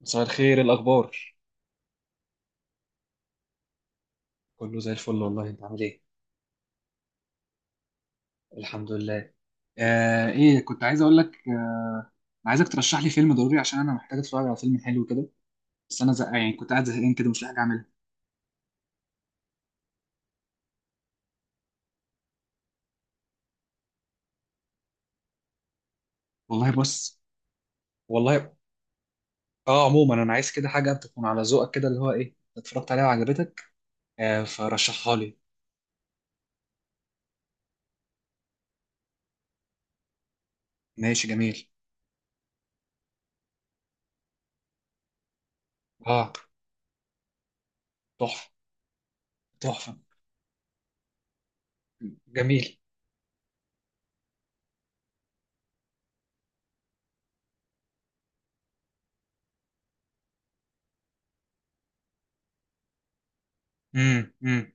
مساء الخير، إيه الاخبار؟ كله زي الفل، والله انت عامل ايه؟ الحمد لله. ايه كنت عايز اقول لك. عايزك ترشح لي فيلم ضروري، عشان انا محتاج اتفرج على فيلم حلو كده. بس انا زهقان، يعني كنت قاعد زهقان كده مش لاقي حاجه اعملها. والله بص. والله، اه، عموما انا عايز كده حاجه تكون على ذوقك كده، اللي هو ايه اتفرجت عليها وعجبتك. فرشحها لي. ماشي، جميل. اه، تحفه. تحفه. جميل. امم. امم.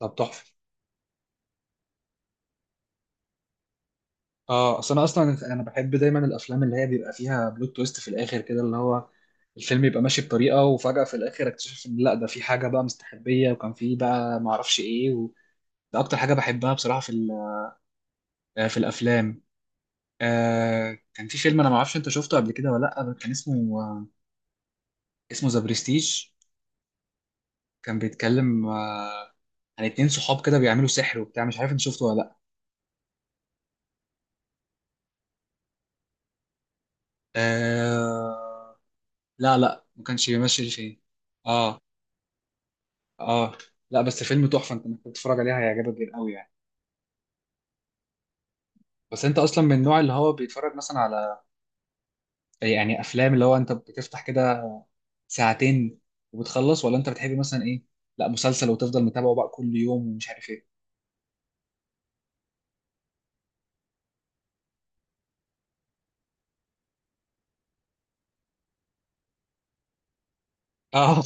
طب، تحفه. اه، اصل انا اصلا، انا بحب دايما الافلام اللي هي بيبقى فيها بلوت تويست في الاخر كده، اللي هو الفيلم يبقى ماشي بطريقه وفجاه في الاخر اكتشف ان لا، ده في حاجه بقى مستخبيه وكان في بقى ما اعرفش ايه و... ده اكتر حاجه بحبها بصراحه في في الافلام. كان في فيلم انا ما اعرفش انت شفته قبل كده ولا لا، كان اسمه ذا بريستيج. كان بيتكلم عن اتنين صحاب كده بيعملوا سحر وبتاع، مش عارف انت شفته ولا لا. آه، لا لا، ما كانش ماشي فيه. اه اه. لا بس فيلم تحفه، انت ممكن تتفرج عليه هيعجبك جدا قوي يعني. بس انت اصلا من النوع اللي هو بيتفرج مثلا على، يعني، افلام اللي هو انت بتفتح كده ساعتين وبتخلص، ولا انت بتحب مثلا ايه، لا، مسلسل وتفضل متابعه بقى كل يوم ومش عارف ايه. اه.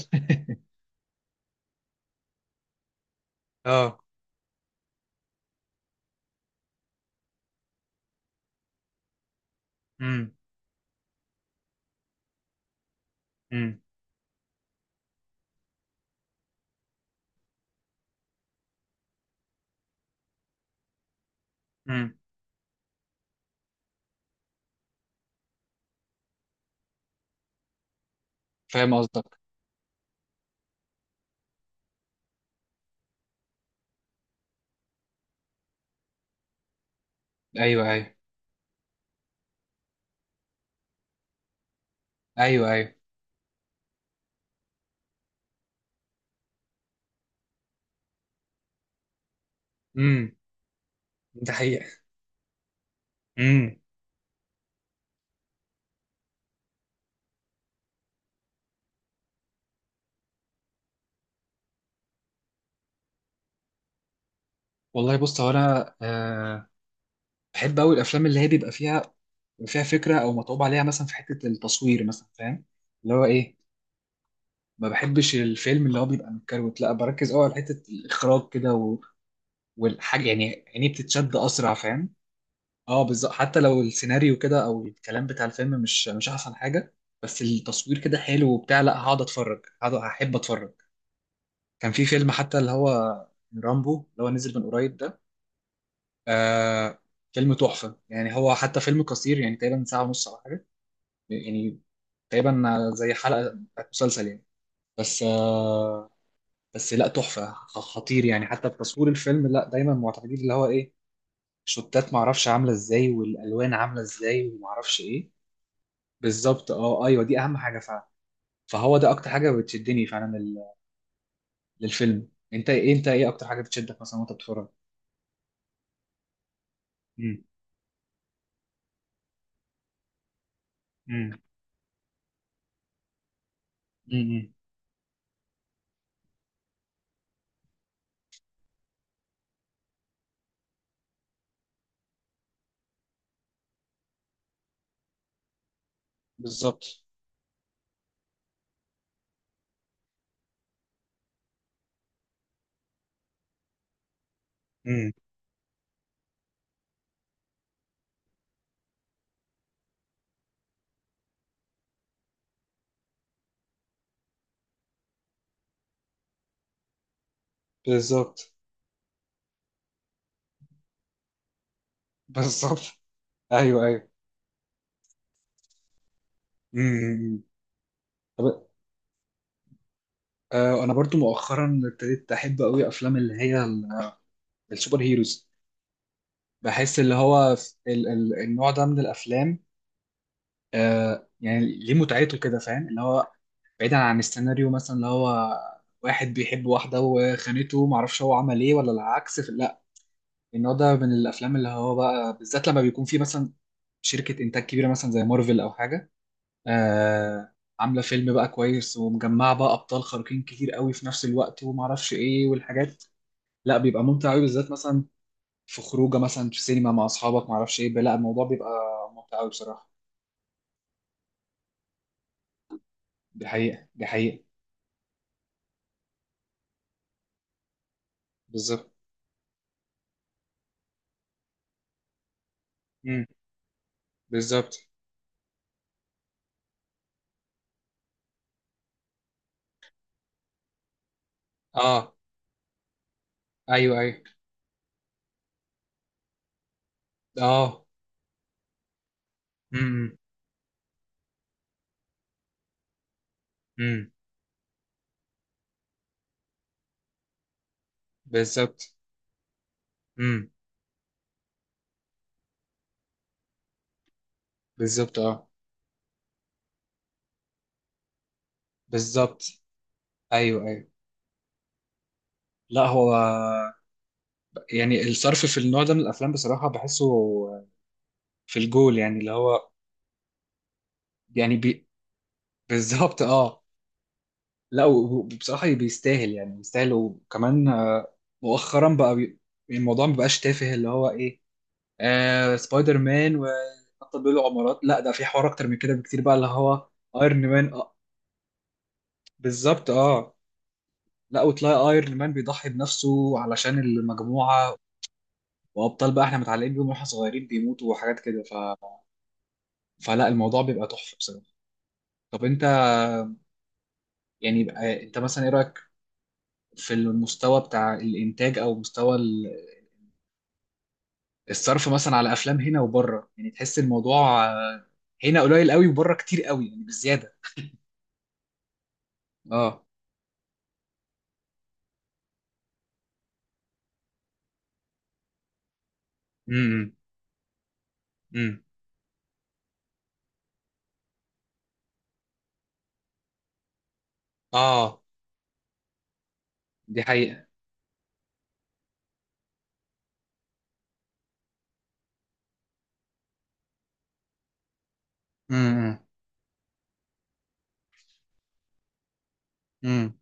اه. امم. امم. امم. فاهم قصدك. ايوه، ايوه، ايوه، ايوه. امم. ده حقيقة. امم. والله بص، هو انا بحب قوي الافلام اللي هي بيبقى فيها فكره او متعوب عليها، مثلا في حته التصوير مثلا، فاهم اللي هو ايه. ما بحبش الفيلم اللي هو بيبقى متكروت، لا بركز قوي على حته الاخراج كده و... والحاجه، يعني عيني بتتشد اسرع، فاهم. اه، بالظبط. حتى لو السيناريو كده او الكلام بتاع الفيلم مش احسن حاجه، بس التصوير كده حلو وبتاع، لا هقعد هحب اتفرج. كان في فيلم حتى اللي هو رامبو، اللي هو نزل من قريب ده. آه فيلم تحفه يعني، هو حتى فيلم قصير يعني، تقريبا ساعه ونص او حاجه يعني. تقريبا زي حلقه بتاعت مسلسل يعني. بس آه بس لا، تحفه، خطير يعني، حتى بتصوير الفيلم لا، دايما معتمدين اللي هو ايه، شوتات معرفش عامله ازاي، والالوان عامله ازاي، ومعرفش ايه. بالظبط، اه. ايوه، دي اهم حاجه فعلا. فهو ده اكتر حاجه بتشدني فعلا للفيلم. انت ايه اكتر حاجه بتشدك مثلا وانت بتتفرج؟ امم. امم. امم. بالظبط. امم. بالظبط. بالظبط. ايوه، ايوه. امم. طب، انا برضو مؤخرا ابتديت احب قوي افلام اللي هي السوبر هيروز. بحس اللي هو النوع ده من الافلام، يعني ليه متعته كده، فاهم اللي هو، بعيدا عن السيناريو مثلا اللي هو واحد بيحب واحده وخانته، معرفش هو عمل ايه ولا العكس، لا النوع ده من الافلام اللي هو بقى، بالذات لما بيكون في مثلا شركه انتاج كبيره مثلا زي مارفل او حاجه آه عامله فيلم بقى كويس، ومجمعه بقى ابطال خارقين كتير قوي في نفس الوقت، ومعرفش ايه والحاجات، لا بيبقى ممتع قوي، بالذات مثلا في خروجه مثلا في سينما مع اصحابك، ما اعرفش ايه، لا، الموضوع بيبقى ممتع قوي بصراحه. دي حقيقه. دي حقيقه. بالظبط. امم. بالظبط، اه. ايوه، ايوه. اه. امم. امم. بالظبط. امم. بالظبط، اه. بالظبط. ايوه، ايوه. لا هو، يعني الصرف في النوع ده من الافلام بصراحه بحسه في الجول يعني، اللي هو يعني بالظبط، اه. لا وبصراحه بيستاهل، يعني بيستاهل. وكمان مؤخرا بقى، الموضوع ما بقاش تافه، اللي هو ايه، سبايدر مان وبطل بيقولوا عمارات، لا ده في حوار اكتر من كده بكتير بقى، اللي هو ايرون مان. بالظبط، اه. لا، وتلاقي ايرون مان بيضحي بنفسه علشان المجموعه، وابطال بقى احنا متعلقين بيهم واحنا صغيرين بيموتوا، وحاجات كده ف... فلا الموضوع بيبقى تحفه بصراحه. طب انت، يعني بقى، انت مثلا ايه رايك في المستوى بتاع الانتاج، او مستوى الصرف مثلا على افلام هنا وبره؟ يعني تحس الموضوع هنا قليل قوي وبره كتير قوي يعني، بالزياده. اه. امم. اه. دي حقيقة. امم. امم.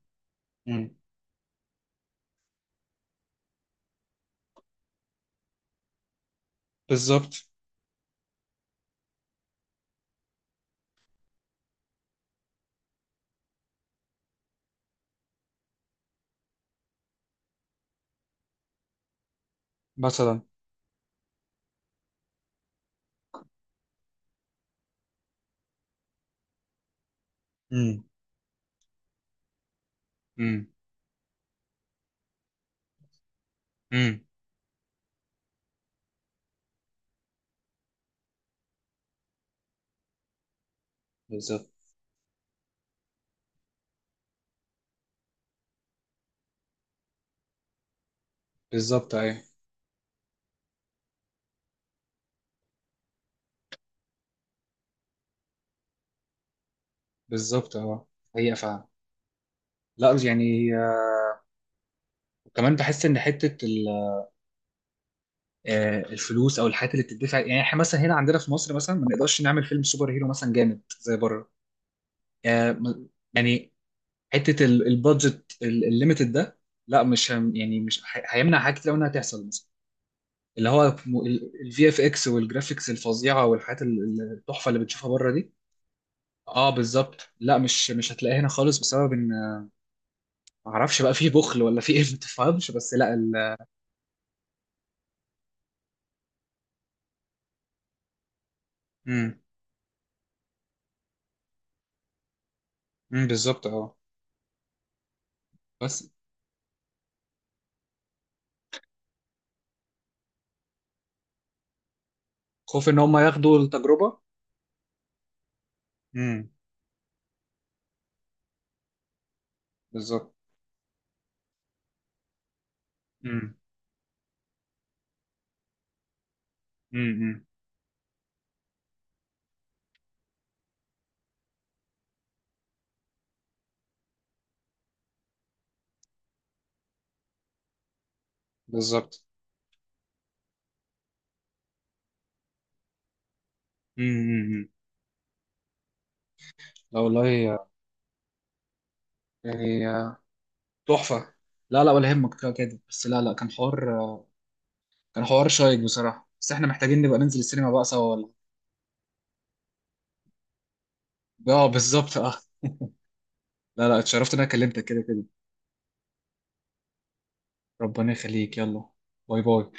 امم. بالظبط، مثلا. امم. امم. امم. بالظبط. بالظبط. ايوه. بالظبط، اه. حقيقة فعلا. لا يعني، وكمان بحس ان حتة الفلوس او الحاجات اللي بتدفع، يعني احنا مثلا هنا عندنا في مصر مثلا ما نقدرش نعمل فيلم سوبر هيرو مثلا جامد زي بره. آه، م- يعني، حتة البادجت الليميتد ده، لا مش هم- يعني مش هي- هيمنع حاجات كتير أوي انها تحصل، اللي هو الفي اف اكس والجرافيكس الفظيعه والحاجات التحفه اللي بنشوفها بره دي. اه، بالظبط. لا مش هتلاقيها هنا خالص، بسبب ان ما اعرفش بقى في بخل ولا في ايه. ما تفهمش بس، لا ال... امم. امم. بالظبط، اه. بس خوف ان هم ياخدوا التجربه. امم. بالظبط. امم. امم. بالظبط. امم. لا والله، يعني تحفه. لا لا، ولا يهمك، كده كده بس. لا لا، كان حوار، كان حوار شيق بصراحه. بس احنا محتاجين نبقى ننزل السينما بقى سوا، ولا؟ اه، بالظبط، اه. لا لا، اتشرفت ان انا كلمتك كده كده. ربنا يخليك. يلا. باي باي.